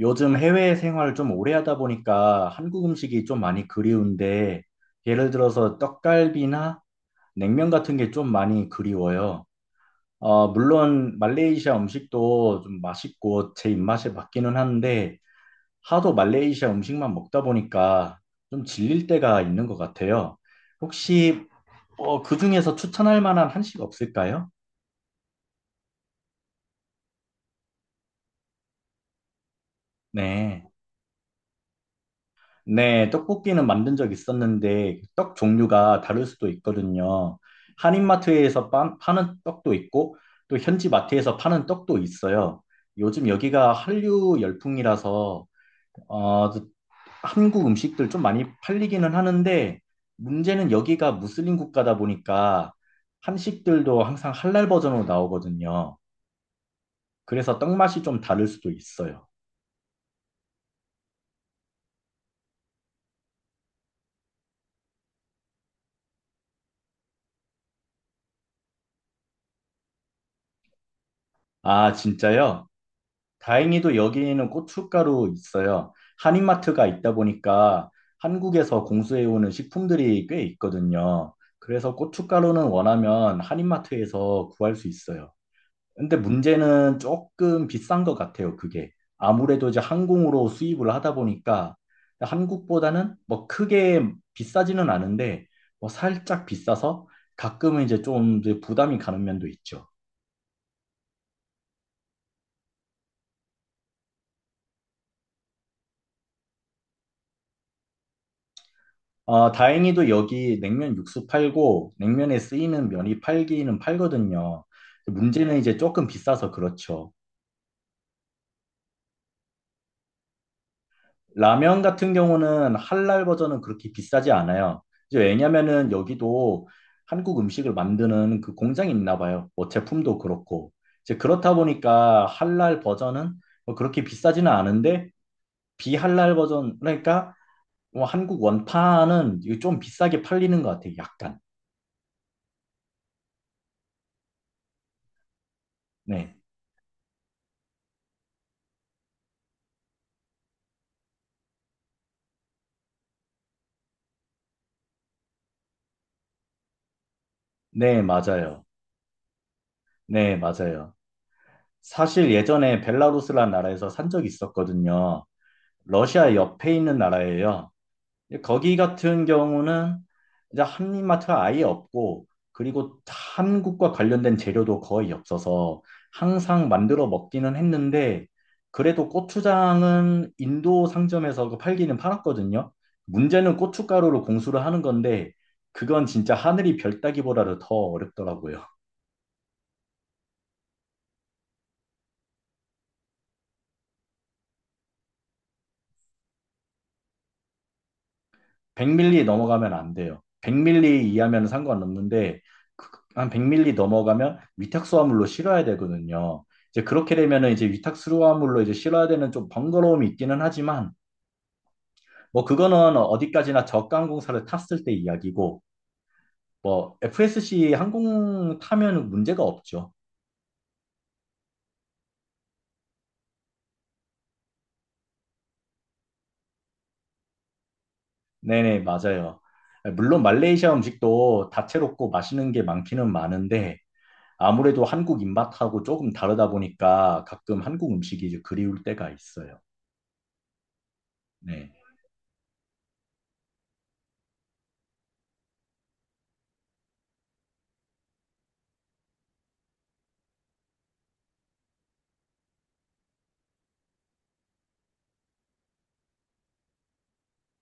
요즘 해외 생활을 좀 오래 하다 보니까 한국 음식이 좀 많이 그리운데, 예를 들어서 떡갈비나 냉면 같은 게 좀 많이 그리워요. 물론 말레이시아 음식도 좀 맛있고 제 입맛에 맞기는 한데, 하도 말레이시아 음식만 먹다 보니까 좀 질릴 때가 있는 것 같아요. 혹시 그 중에서 추천할 만한 한식 없을까요? 네. 네, 떡볶이는 만든 적 있었는데 떡 종류가 다를 수도 있거든요. 한인마트에서 파는 떡도 있고 또 현지 마트에서 파는 떡도 있어요. 요즘 여기가 한류 열풍이라서 어, 한국 음식들 좀 많이 팔리기는 하는데 문제는 여기가 무슬림 국가다 보니까 한식들도 항상 할랄 버전으로 나오거든요. 그래서 떡 맛이 좀 다를 수도 있어요. 아, 진짜요? 다행히도 여기는 고춧가루 있어요. 한인마트가 있다 보니까 한국에서 공수해오는 식품들이 꽤 있거든요. 그래서 고춧가루는 원하면 한인마트에서 구할 수 있어요. 근데 문제는 조금 비싼 것 같아요, 그게. 아무래도 이제 항공으로 수입을 하다 보니까 한국보다는 뭐 크게 비싸지는 않은데 뭐 살짝 비싸서 가끔은 이제 좀 이제 부담이 가는 면도 있죠. 아, 다행히도 여기 냉면 육수 팔고 냉면에 쓰이는 면이 팔기는 팔거든요. 문제는 이제 조금 비싸서 그렇죠. 라면 같은 경우는 할랄 버전은 그렇게 비싸지 않아요. 이제 왜냐면은 여기도 한국 음식을 만드는 그 공장이 있나 봐요. 뭐 제품도 그렇고. 이제 그렇다 보니까 할랄 버전은 뭐 그렇게 비싸지는 않은데 비할랄 버전 그러니까 뭐 한국 원판은 이게 좀 비싸게 팔리는 것 같아요. 약간. 네. 네, 맞아요. 네, 맞아요. 사실 예전에 벨라루스라는 나라에서 산 적이 있었거든요. 러시아 옆에 있는 나라예요. 거기 같은 경우는 이제 한인마트가 아예 없고, 그리고 한국과 관련된 재료도 거의 없어서 항상 만들어 먹기는 했는데, 그래도 고추장은 인도 상점에서 그 팔기는 팔았거든요. 문제는 고춧가루로 공수를 하는 건데, 그건 진짜 하늘이 별 따기보다도 더 어렵더라고요. 100밀리 넘어가면 안 돼요. 100밀리 이하면 상관없는데 그- 한 100밀리 넘어가면 위탁수화물로 실어야 되거든요. 이제 그렇게 되면은 이제 위탁수화물로 이제 실어야 되는 좀 번거로움이 있기는 하지만 뭐 그거는 어디까지나 저가항공사를 탔을 때 이야기고 뭐 FSC 항공 타면 문제가 없죠. 네네 맞아요. 물론 말레이시아 음식도 다채롭고 맛있는 게 많기는 많은데 아무래도 한국 입맛하고 조금 다르다 보니까 가끔 한국 음식이 이제 그리울 때가 있어요. 네.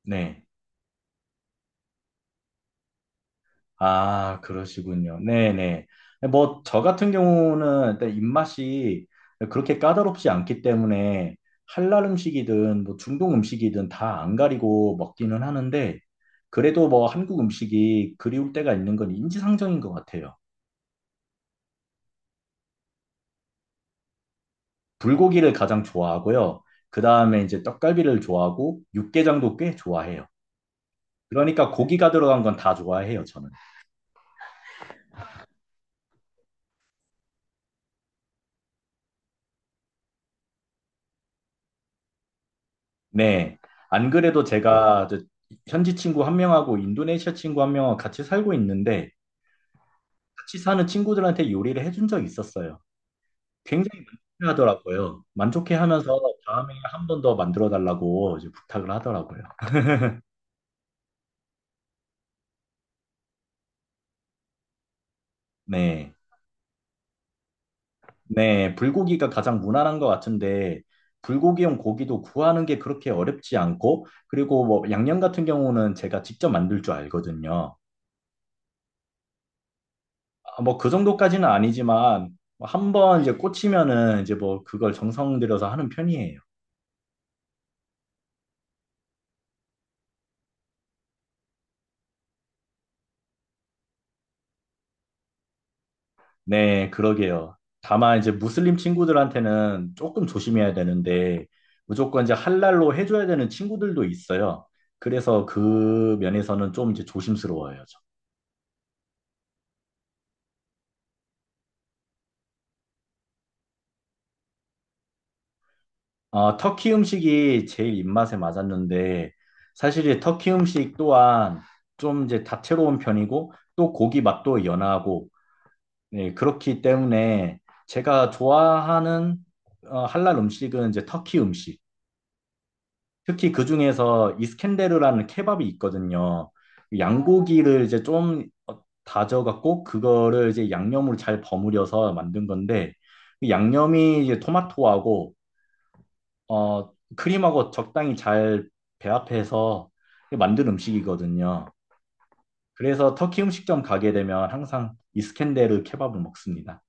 네. 아, 그러시군요. 네네. 뭐, 저 같은 경우는 일단 입맛이 그렇게 까다롭지 않기 때문에 할랄 음식이든 뭐 중동 음식이든 다 안 가리고 먹기는 하는데 그래도 뭐 한국 음식이 그리울 때가 있는 건 인지상정인 것 같아요. 불고기를 가장 좋아하고요. 그 다음에 이제 떡갈비를 좋아하고 육개장도 꽤 좋아해요. 그러니까 고기가 들어간 건 다 좋아해요, 저는. 네. 안 그래도 제가 저 현지 친구 한 명하고 인도네시아 친구 한 명하고 같이 살고 있는데 같이 사는 친구들한테 요리를 해준 적이 있었어요. 굉장히 만족해 하더라고요. 만족해 하면서 다음에 한 번 더 만들어 달라고 이제 부탁을 하더라고요. 네. 네. 불고기가 가장 무난한 것 같은데 불고기용 고기도 구하는 게 그렇게 어렵지 않고 그리고 뭐 양념 같은 경우는 제가 직접 만들 줄 알거든요. 아, 뭐그 정도까지는 아니지만 한 번 이제 꽂히면은 이제 뭐 그걸 정성 들여서 하는 편이에요. 네, 그러게요. 다만 이제 무슬림 친구들한테는 조금 조심해야 되는데 무조건 이제 할랄로 해줘야 되는 친구들도 있어요. 그래서 그 면에서는 좀 이제 조심스러워요. 저. 아, 터키 음식이 제일 입맛에 맞았는데 사실 이 터키 음식 또한 좀 이제 다채로운 편이고 또 고기 맛도 연하고 네, 그렇기 때문에 제가 좋아하는 할랄 음식은 이제 터키 음식. 특히 그 중에서 이스켄데르라는 케밥이 있거든요. 그 양고기를 이제 좀 다져갖고 그거를 이제 양념으로 잘 버무려서 만든 건데 그 양념이 이제 토마토하고 크림하고 적당히 잘 배합해서 만든 음식이거든요. 그래서 터키 음식점 가게 되면 항상 이스켄데르 케밥을 먹습니다.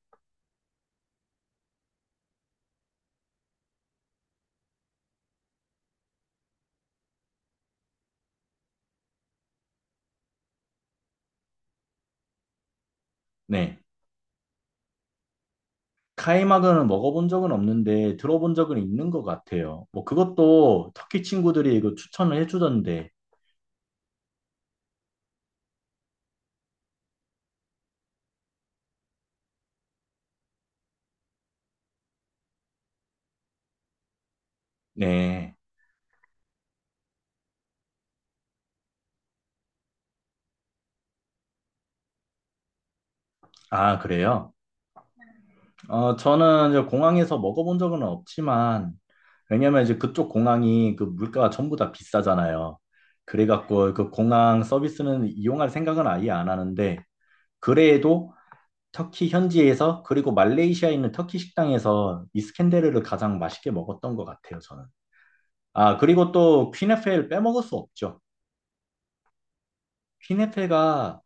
네. 카이막은 먹어본 적은 없는데 들어본 적은 있는 것 같아요. 뭐 그것도 터키 친구들이 이거 추천을 해주던데. 네. 아, 그래요? 저는 이제 공항에서 먹어본 적은 없지만 왜냐면 이제 그쪽 공항이 그 물가가 전부 다 비싸잖아요. 그래갖고 그 공항 서비스는 이용할 생각은 아예 안 하는데 그래도 터키 현지에서 그리고 말레이시아에 있는 터키 식당에서 이스켄데르를 가장 맛있게 먹었던 것 같아요, 저는. 아, 그리고 또 퀸에펠 빼먹을 수 없죠. 피네페가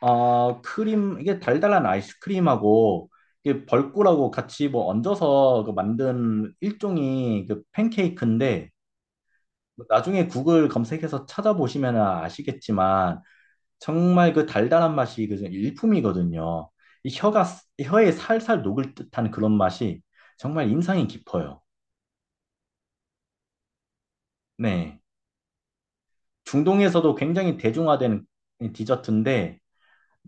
크림 이게 달달한 아이스크림하고 이게 벌꿀하고 같이 뭐 얹어서 그 만든 일종의 그 팬케이크인데 나중에 구글 검색해서 찾아보시면 아시겠지만 정말 그 달달한 맛이 그 일품이거든요. 이 혀가 혀에 살살 녹을 듯한 그런 맛이 정말 인상이 깊어요. 네. 중동에서도 굉장히 대중화된 디저트인데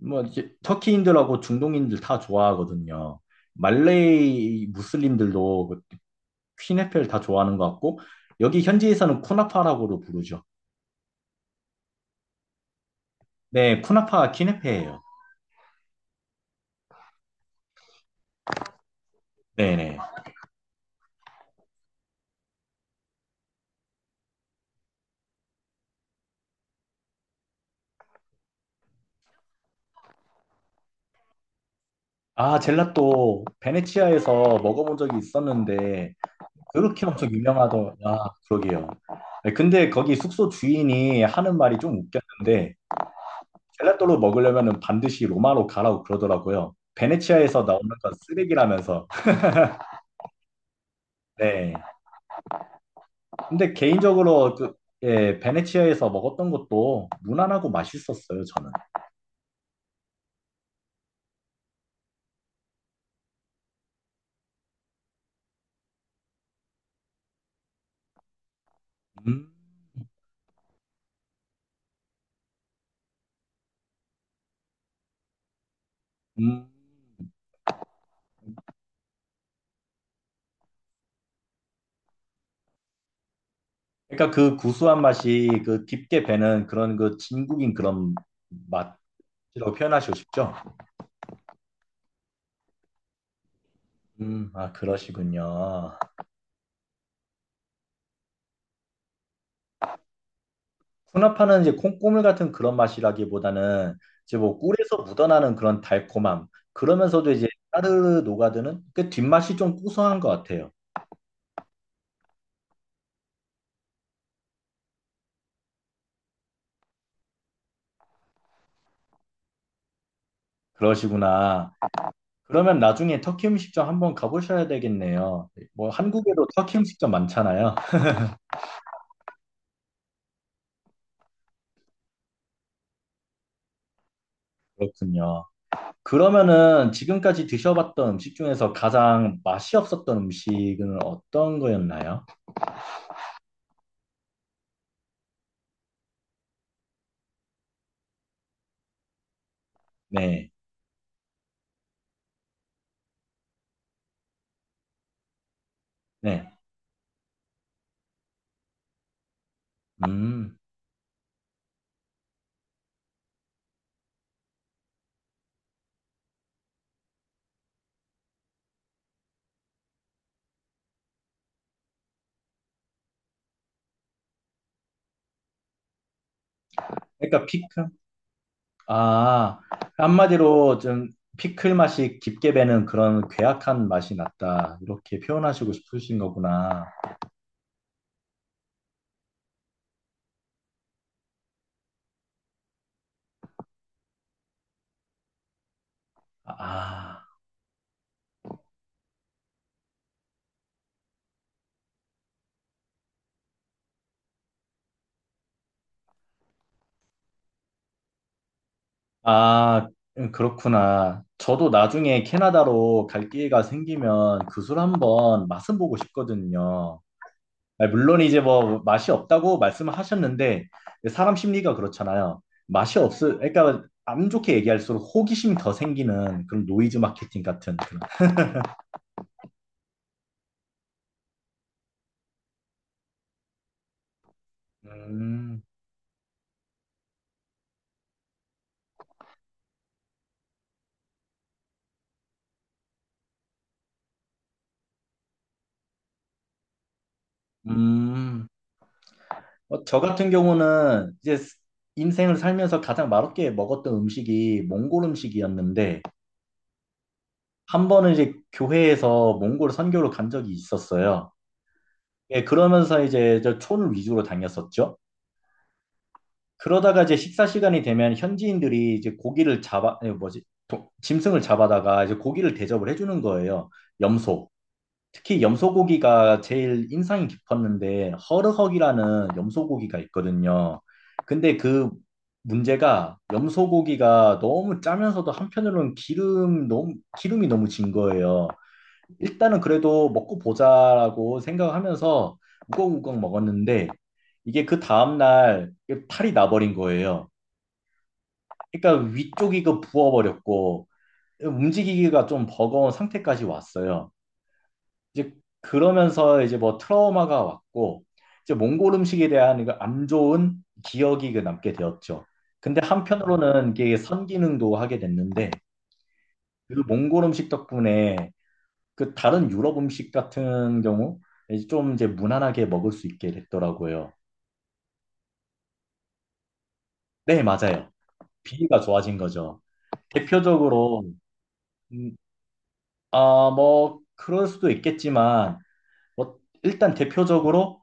뭐 이제 터키인들하고 중동인들 다 좋아하거든요. 말레이 무슬림들도 그 퀴네페를 다 좋아하는 것 같고 여기 현지에서는 쿠나파라고도 부르죠. 네, 쿠나파 퀴네페예요. 네네. 아, 젤라또 베네치아에서 먹어본 적이 있었는데 그렇게 엄청 유명하더. 아, 그러게요. 네, 근데 거기 숙소 주인이 하는 말이 좀 웃겼는데 젤라또로 먹으려면 반드시 로마로 가라고 그러더라고요. 베네치아에서 나오는 건 쓰레기라면서. 네. 근데 개인적으로 그, 예, 베네치아에서 먹었던 것도 무난하고 맛있었어요, 저는. 음, 음. 그러니까 그 구수한 맛이 그 깊게 배는 그런 그 진국인 그런 맛이라고 표현하시고 싶죠? 아, 그러시군요. 쿠나파는 이제 콩고물 같은 그런 맛이라기보다는 이제 뭐 꿀에서 묻어나는 그런 달콤함. 그러면서도 이제 따르르 녹아드는 그 뒷맛이 좀 구수한 것 같아요. 그러시구나. 그러면 나중에 터키 음식점 한번 가보셔야 되겠네요. 뭐 한국에도 터키 음식점 많잖아요. 그렇군요. 그러면은 지금까지 드셔봤던 음식 중에서 가장 맛이 없었던 음식은 어떤 거였나요? 네, 네. 음, 그러니까 피클. 아, 한마디로 좀 피클 맛이 깊게 배는 그런 괴악한 맛이 났다. 이렇게 표현하시고 싶으신 거구나. 아. 아, 그렇구나. 저도 나중에 캐나다로 갈 기회가 생기면 그 술 한번 맛은 보고 싶거든요. 아, 물론 이제 뭐 맛이 없다고 말씀을 하셨는데 사람 심리가 그렇잖아요. 맛이 없을, 그러니까 안 좋게 얘기할수록 호기심이 더 생기는 그런 노이즈 마케팅 같은 그런. 음, 음. 저 같은 경우는 이제 인생을 살면서 가장 맛없게 먹었던 음식이 몽골 음식이었는데 한 번은 이제 교회에서 몽골 선교로 간 적이 있었어요. 예, 그러면서 이제 저 촌 위주로 다녔었죠. 그러다가 이제 식사 시간이 되면 현지인들이 이제 고기를 잡아, 아니, 뭐지, 짐승을 잡아다가 이제 고기를 대접을 해주는 거예요. 염소. 특히 염소고기가 제일 인상이 깊었는데 허르헉이라는 염소고기가 있거든요. 근데 그 문제가 염소고기가 너무 짜면서도 한편으로는 기름이 너무 진 거예요. 일단은 그래도 먹고 보자라고 생각하면서 우걱우걱 먹었는데 이게 그 다음날 탈이 나버린 거예요. 그러니까 위쪽이 그 부어버렸고 움직이기가 좀 버거운 상태까지 왔어요. 이제 그러면서 이제 뭐 트라우마가 왔고 이제 몽골 음식에 대한 그안 좋은 기억이 그 남게 되었죠. 근데 한편으로는 이게 선기능도 하게 됐는데 그 몽골 음식 덕분에 그 다른 유럽 음식 같은 경우 이제 좀 이제 무난하게 먹을 수 있게 됐더라고요. 네, 맞아요. 비위가 좋아진 거죠. 대표적으로 음, 아, 뭐 그럴 수도 있겠지만 뭐 일단 대표적으로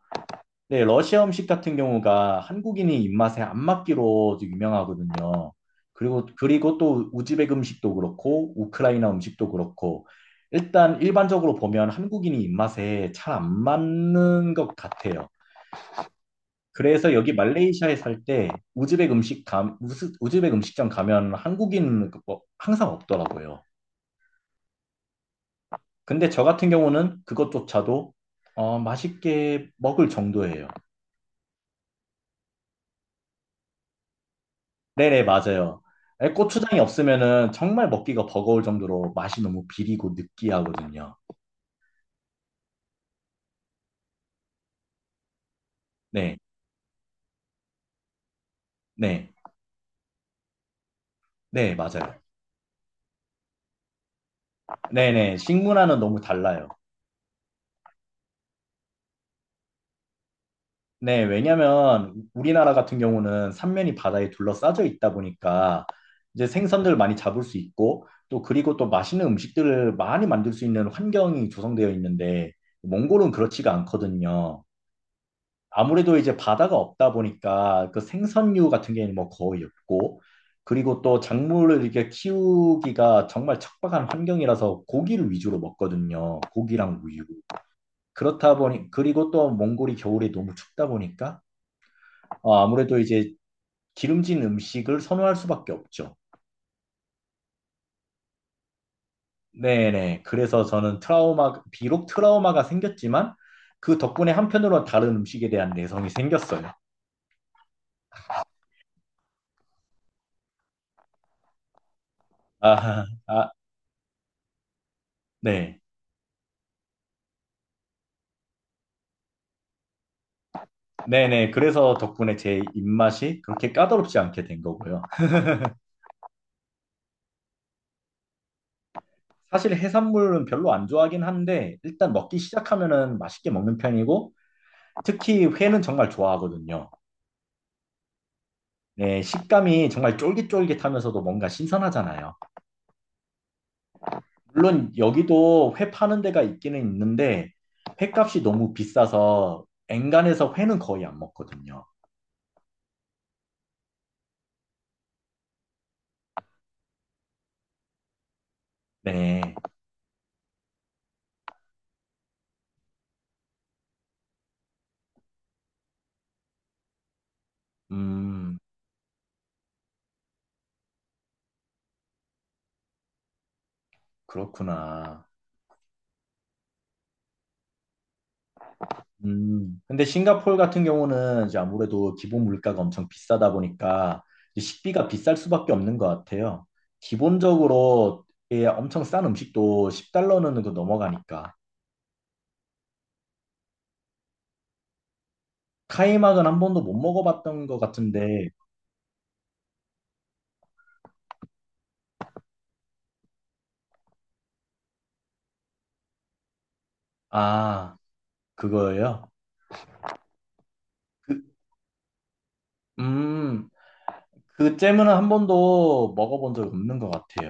네, 러시아 음식 같은 경우가 한국인이 입맛에 안 맞기로 유명하거든요. 그리고 또 우즈벡 음식도 그렇고 우크라이나 음식도 그렇고 일단 일반적으로 보면 한국인이 입맛에 잘 안 맞는 것 같아요. 그래서 여기 말레이시아에 살 때 우즈벡 음식점 가면 한국인 그 뭐 항상 없더라고요. 근데 저 같은 경우는 그것조차도 맛있게 먹을 정도예요. 네네, 맞아요. 에, 고추장이 없으면은 정말 먹기가 버거울 정도로 맛이 너무 비리고 느끼하거든요. 네, 네, 네, 맞아요. 네네, 식문화는 너무 달라요. 네, 왜냐면 우리나라 같은 경우는 삼면이 바다에 둘러싸여 있다 보니까 이제 생선들 많이 잡을 수 있고 또 그리고 또 맛있는 음식들을 많이 만들 수 있는 환경이 조성되어 있는데 몽골은 그렇지가 않거든요. 아무래도 이제 바다가 없다 보니까 그 생선류 같은 게 뭐 거의 없고 그리고 또 작물을 이렇게 키우기가 정말 척박한 환경이라서 고기를 위주로 먹거든요. 고기랑 우유. 그렇다 보니 그리고 또 몽골이 겨울에 너무 춥다 보니까 아무래도 이제 기름진 음식을 선호할 수밖에 없죠. 네네. 그래서 저는 비록 트라우마가 생겼지만 그 덕분에 한편으로는 다른 음식에 대한 내성이 생겼어요. 아, 아, 네. 네네. 그래서 덕분에 제 입맛이 그렇게 까다롭지 않게 된 거고요. 사실 해산물은 별로 안 좋아하긴 한데 일단 먹기 시작하면은 맛있게 먹는 편이고 특히 회는 정말 좋아하거든요. 네, 식감이 정말 쫄깃쫄깃하면서도 뭔가 신선하잖아요. 물론 여기도 회 파는 데가 있기는 있는데 회값이 너무 비싸서 엔간해서 회는 거의 안 먹거든요. 네. 음, 그렇구나. 근데 싱가포르 같은 경우는 이제 아무래도 기본 물가가 엄청 비싸다 보니까 이제 식비가 비쌀 수밖에 없는 것 같아요. 기본적으로 예, 엄청 싼 음식도 10달러는 그 넘어가니까. 카이막은 한 번도 못 먹어봤던 것 같은데, 아, 그거예요? 그, 음, 그 잼은 한 번도 먹어본 적 없는 것 같아요.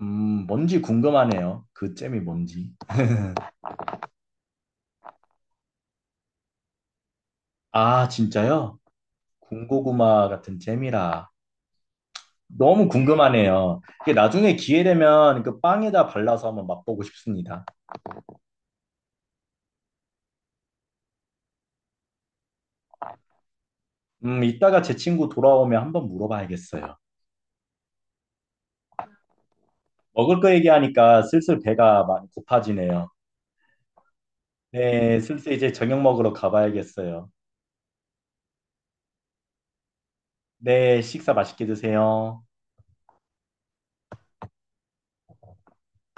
뭔지 궁금하네요. 그 잼이 뭔지. 아, 진짜요? 군고구마 같은 잼이라. 너무 궁금하네요. 이게 나중에 기회 되면 그 빵에다 발라서 한번 맛보고 싶습니다. 이따가 제 친구 돌아오면 한번 물어봐야겠어요. 먹을 거 얘기하니까 슬슬 배가 많이 고파지네요. 네, 슬슬 이제 저녁 먹으러 가봐야겠어요. 네, 식사 맛있게 드세요.